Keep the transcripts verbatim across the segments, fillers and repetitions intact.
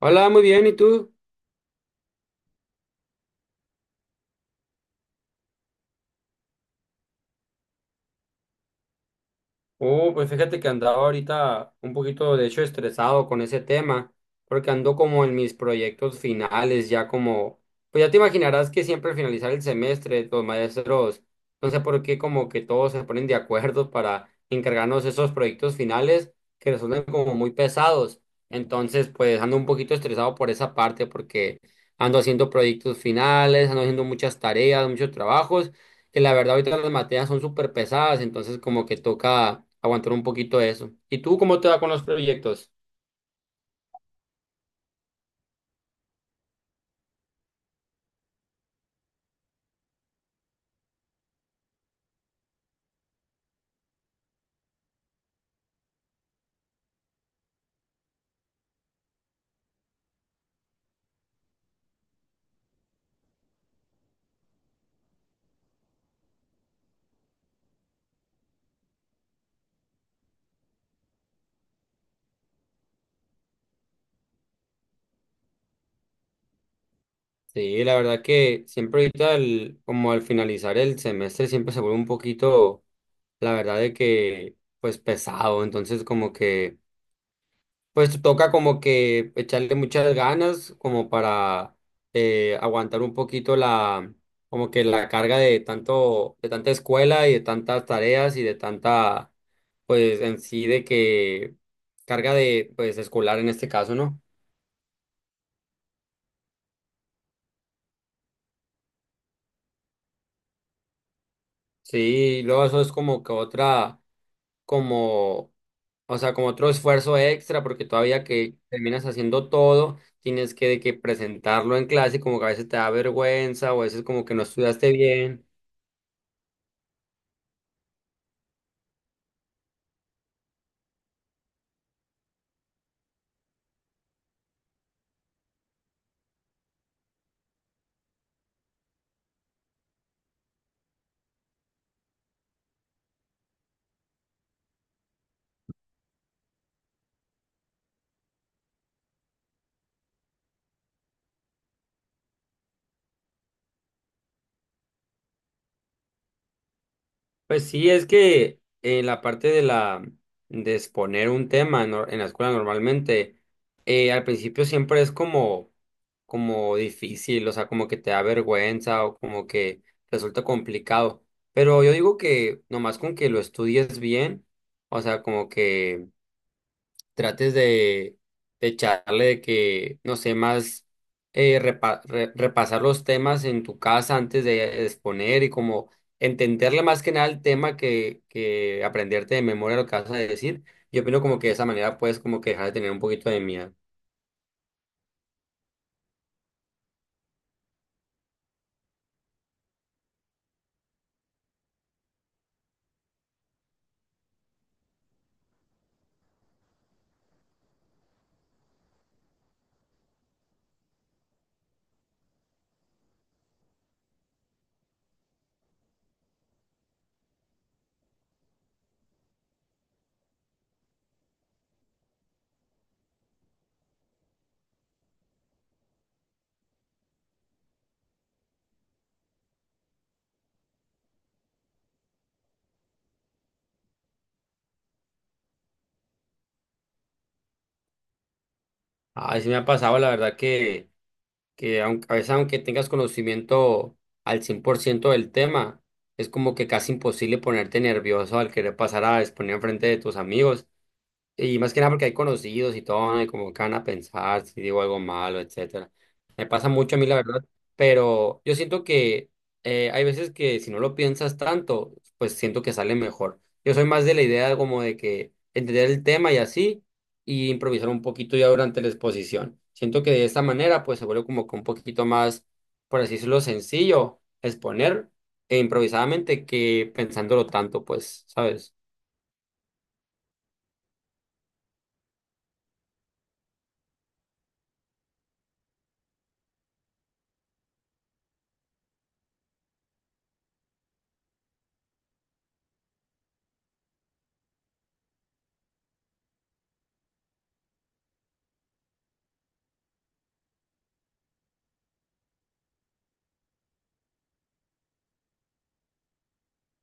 Hola, muy bien, ¿y tú? Oh, pues fíjate que andaba ahorita un poquito, de hecho, estresado con ese tema, porque ando como en mis proyectos finales, ya como, pues ya te imaginarás que siempre al finalizar el semestre, los maestros, no sé por qué, como que todos se ponen de acuerdo para encargarnos esos proyectos finales que resultan como muy pesados. Entonces, pues ando un poquito estresado por esa parte, porque ando haciendo proyectos finales, ando haciendo muchas tareas, muchos trabajos. Que la verdad ahorita las materias son súper pesadas, entonces como que toca aguantar un poquito de eso. ¿Y tú cómo te va con los proyectos? Sí, la verdad que siempre ahorita, el- como al finalizar el semestre, siempre se vuelve un poquito, la verdad de que, pues pesado, entonces como que... Pues toca como que echarle muchas ganas como para eh, aguantar un poquito la como que la carga de tanto de tanta escuela y de tantas tareas y de tanta pues en sí de que carga de pues escolar en este caso, ¿no? Sí, y luego eso es como que otra como, o sea, como otro esfuerzo extra porque todavía que terminas haciendo todo tienes que, de que presentarlo en clase y como que a veces te da vergüenza o a veces como que no estudiaste bien. Pues sí, es que eh, la parte de la de exponer un tema en, nor- en la escuela normalmente eh, al principio siempre es como como difícil, o sea, como que te da vergüenza o como que resulta complicado. Pero yo digo que nomás con que lo estudies bien, o sea, como que trates de, de echarle de que, no sé, más eh, repa- re- repasar los temas en tu casa antes de exponer y como entenderle más que nada el tema que, que aprenderte de memoria lo que vas a decir. Yo opino como que de esa manera puedes como que dejar de tener un poquito de miedo. A sí me ha pasado, la verdad que, que aunque, a veces aunque tengas conocimiento al cien por ciento del tema, es como que casi imposible ponerte nervioso al querer pasar a exponer frente de tus amigos. Y más que nada porque hay conocidos y todo, ¿no? Y como que van a pensar si digo algo malo, etcétera. Me pasa mucho a mí, la verdad, pero yo siento que eh, hay veces que si no lo piensas tanto, pues siento que sale mejor. Yo soy más de la idea como de que entender el tema y así, y improvisar un poquito ya durante la exposición. Siento que de esta manera, pues se vuelve como que un poquito más, por así decirlo, sencillo exponer e improvisadamente que pensándolo tanto, pues, ¿sabes?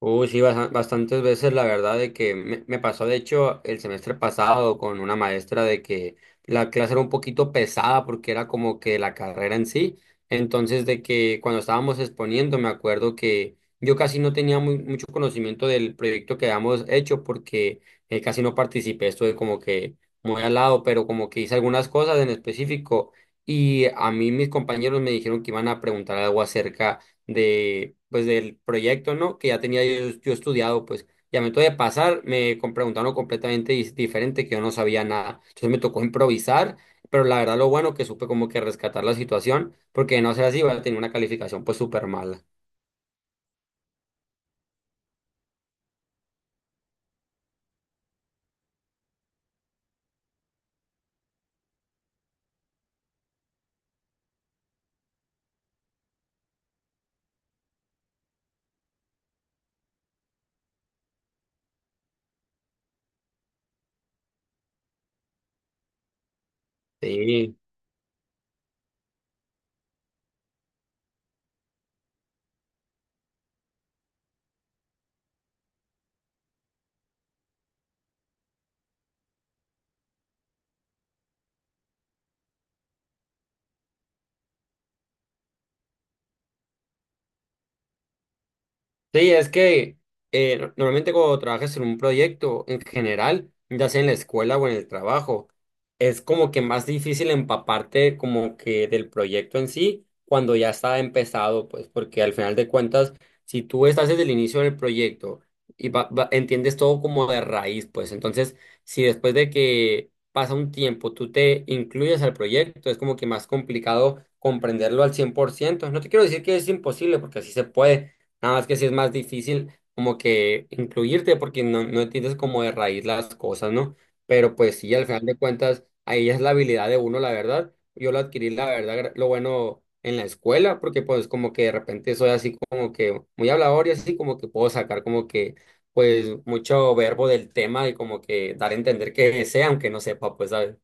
Uy, sí, basa- bastantes veces la verdad de que me, me pasó, de hecho, el semestre pasado con una maestra de que la clase era un poquito pesada porque era como que la carrera en sí. Entonces, de que cuando estábamos exponiendo, me acuerdo que yo casi no tenía muy, mucho conocimiento del proyecto que habíamos hecho porque eh, casi no participé, estuve como que muy al lado, pero como que hice algunas cosas en específico y a mí mis compañeros me dijeron que iban a preguntar algo acerca de, pues, del proyecto, ¿no? Que ya tenía yo, yo estudiado, pues, y a momento de pasar, me com- preguntaron algo completamente dis- diferente, que yo no sabía nada. Entonces me tocó improvisar, pero la verdad lo bueno que supe como que rescatar la situación, porque de no ser así, iba a tener una calificación, pues, súper mala. Sí. Sí, es que eh, no- normalmente cuando trabajas en un proyecto en general, ya sea en la escuela o en el trabajo, es como que más difícil empaparte como que del proyecto en sí cuando ya está empezado, pues porque al final de cuentas, si tú estás desde el inicio del proyecto y va- va- entiendes todo como de raíz, pues entonces si después de que pasa un tiempo tú te incluyes al proyecto, es como que más complicado comprenderlo al cien por ciento. No te quiero decir que es imposible, porque así se puede. Nada más que sí es más difícil como que incluirte porque no, no entiendes como de raíz las cosas, ¿no? Pero pues sí, al final de cuentas, ahí es la habilidad de uno, la verdad. Yo lo adquirí, la verdad, gra- lo bueno en la escuela, porque pues como que de repente soy así como que muy hablador y así como que puedo sacar como que pues mucho verbo del tema y como que dar a entender que sé, aunque no sepa, pues, ¿sabes?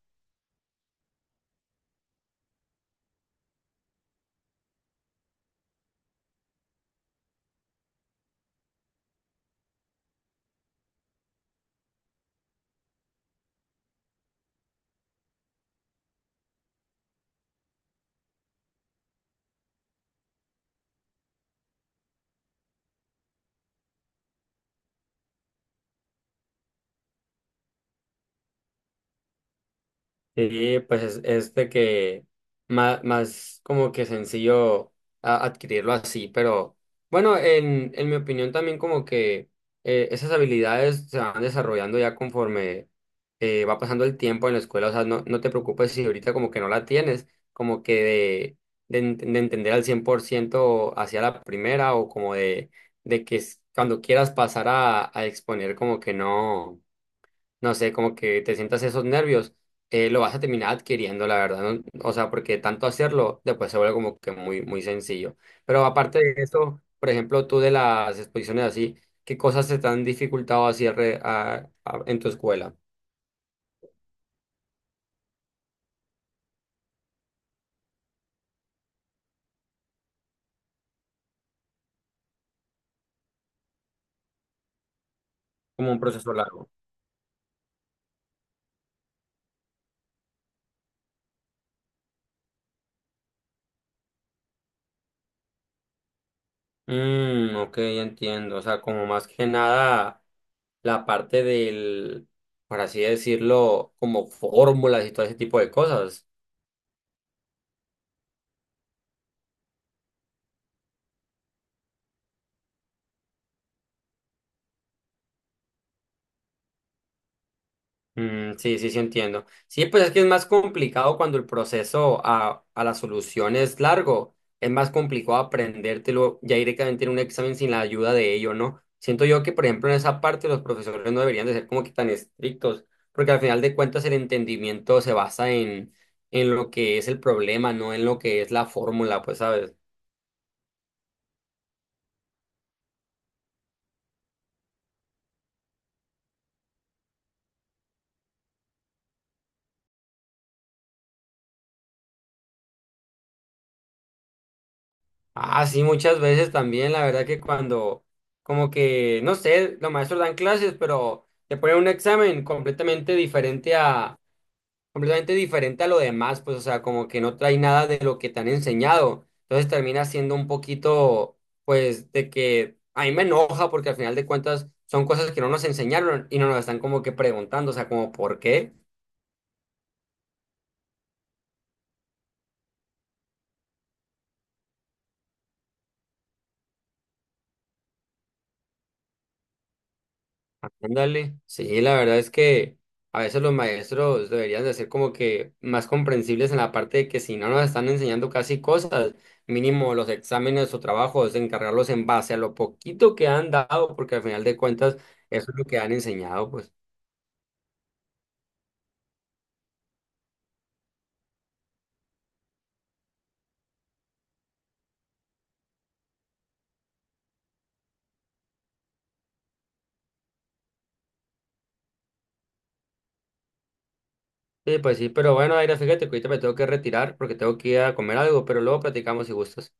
Sí, pues es, es de que más, más como que sencillo a- adquirirlo así, pero bueno, en, en mi opinión también como que eh, esas habilidades se van desarrollando ya conforme eh, va pasando el tiempo en la escuela, o sea, no, no te preocupes si ahorita como que no la tienes, como que de, de, ent- de entender al cien por ciento hacia la primera o como de, de que s- cuando quieras pasar a, a exponer como que no no sé, como que te sientas esos nervios, eh, lo vas a terminar adquiriendo, la verdad, ¿no? O sea, porque tanto hacerlo después se vuelve como que muy, muy sencillo. Pero aparte de eso, por ejemplo, tú de las exposiciones así, ¿qué cosas se te han dificultado así alre- a- a- en tu escuela? Como un proceso largo. Mm, ok, ya entiendo. O sea, como más que nada la parte del, por así decirlo, como fórmulas y todo ese tipo de cosas. Mm, sí, sí, sí entiendo. Sí, pues es que es más complicado cuando el proceso a, a la solución es largo. Es más complicado aprendértelo ya directamente en un examen sin la ayuda de ello, ¿no? Siento yo que, por ejemplo, en esa parte los profesores no deberían de ser como que tan estrictos, porque al final de cuentas el entendimiento se basa en, en lo que es el problema, no en lo que es la fórmula, pues, ¿sabes? Ah, sí, muchas veces también, la verdad que cuando, como que, no sé, los maestros dan clases, pero te ponen un examen completamente diferente a, completamente diferente a lo demás, pues, o sea, como que no trae nada de lo que te han enseñado. Entonces termina siendo un poquito, pues, de que a mí me enoja porque al final de cuentas son cosas que no nos enseñaron y no nos están como que preguntando, o sea, como, ¿por qué? Ándale, sí, la verdad es que a veces los maestros deberían de ser como que más comprensibles en la parte de que si no nos están enseñando casi cosas, mínimo los exámenes o trabajos, encargarlos en base a lo poquito que han dado, porque al final de cuentas eso es lo que han enseñado, pues. Sí, pues sí, pero bueno, Aira, fíjate que ahorita me tengo que retirar porque tengo que ir a comer algo, pero luego platicamos si gustas.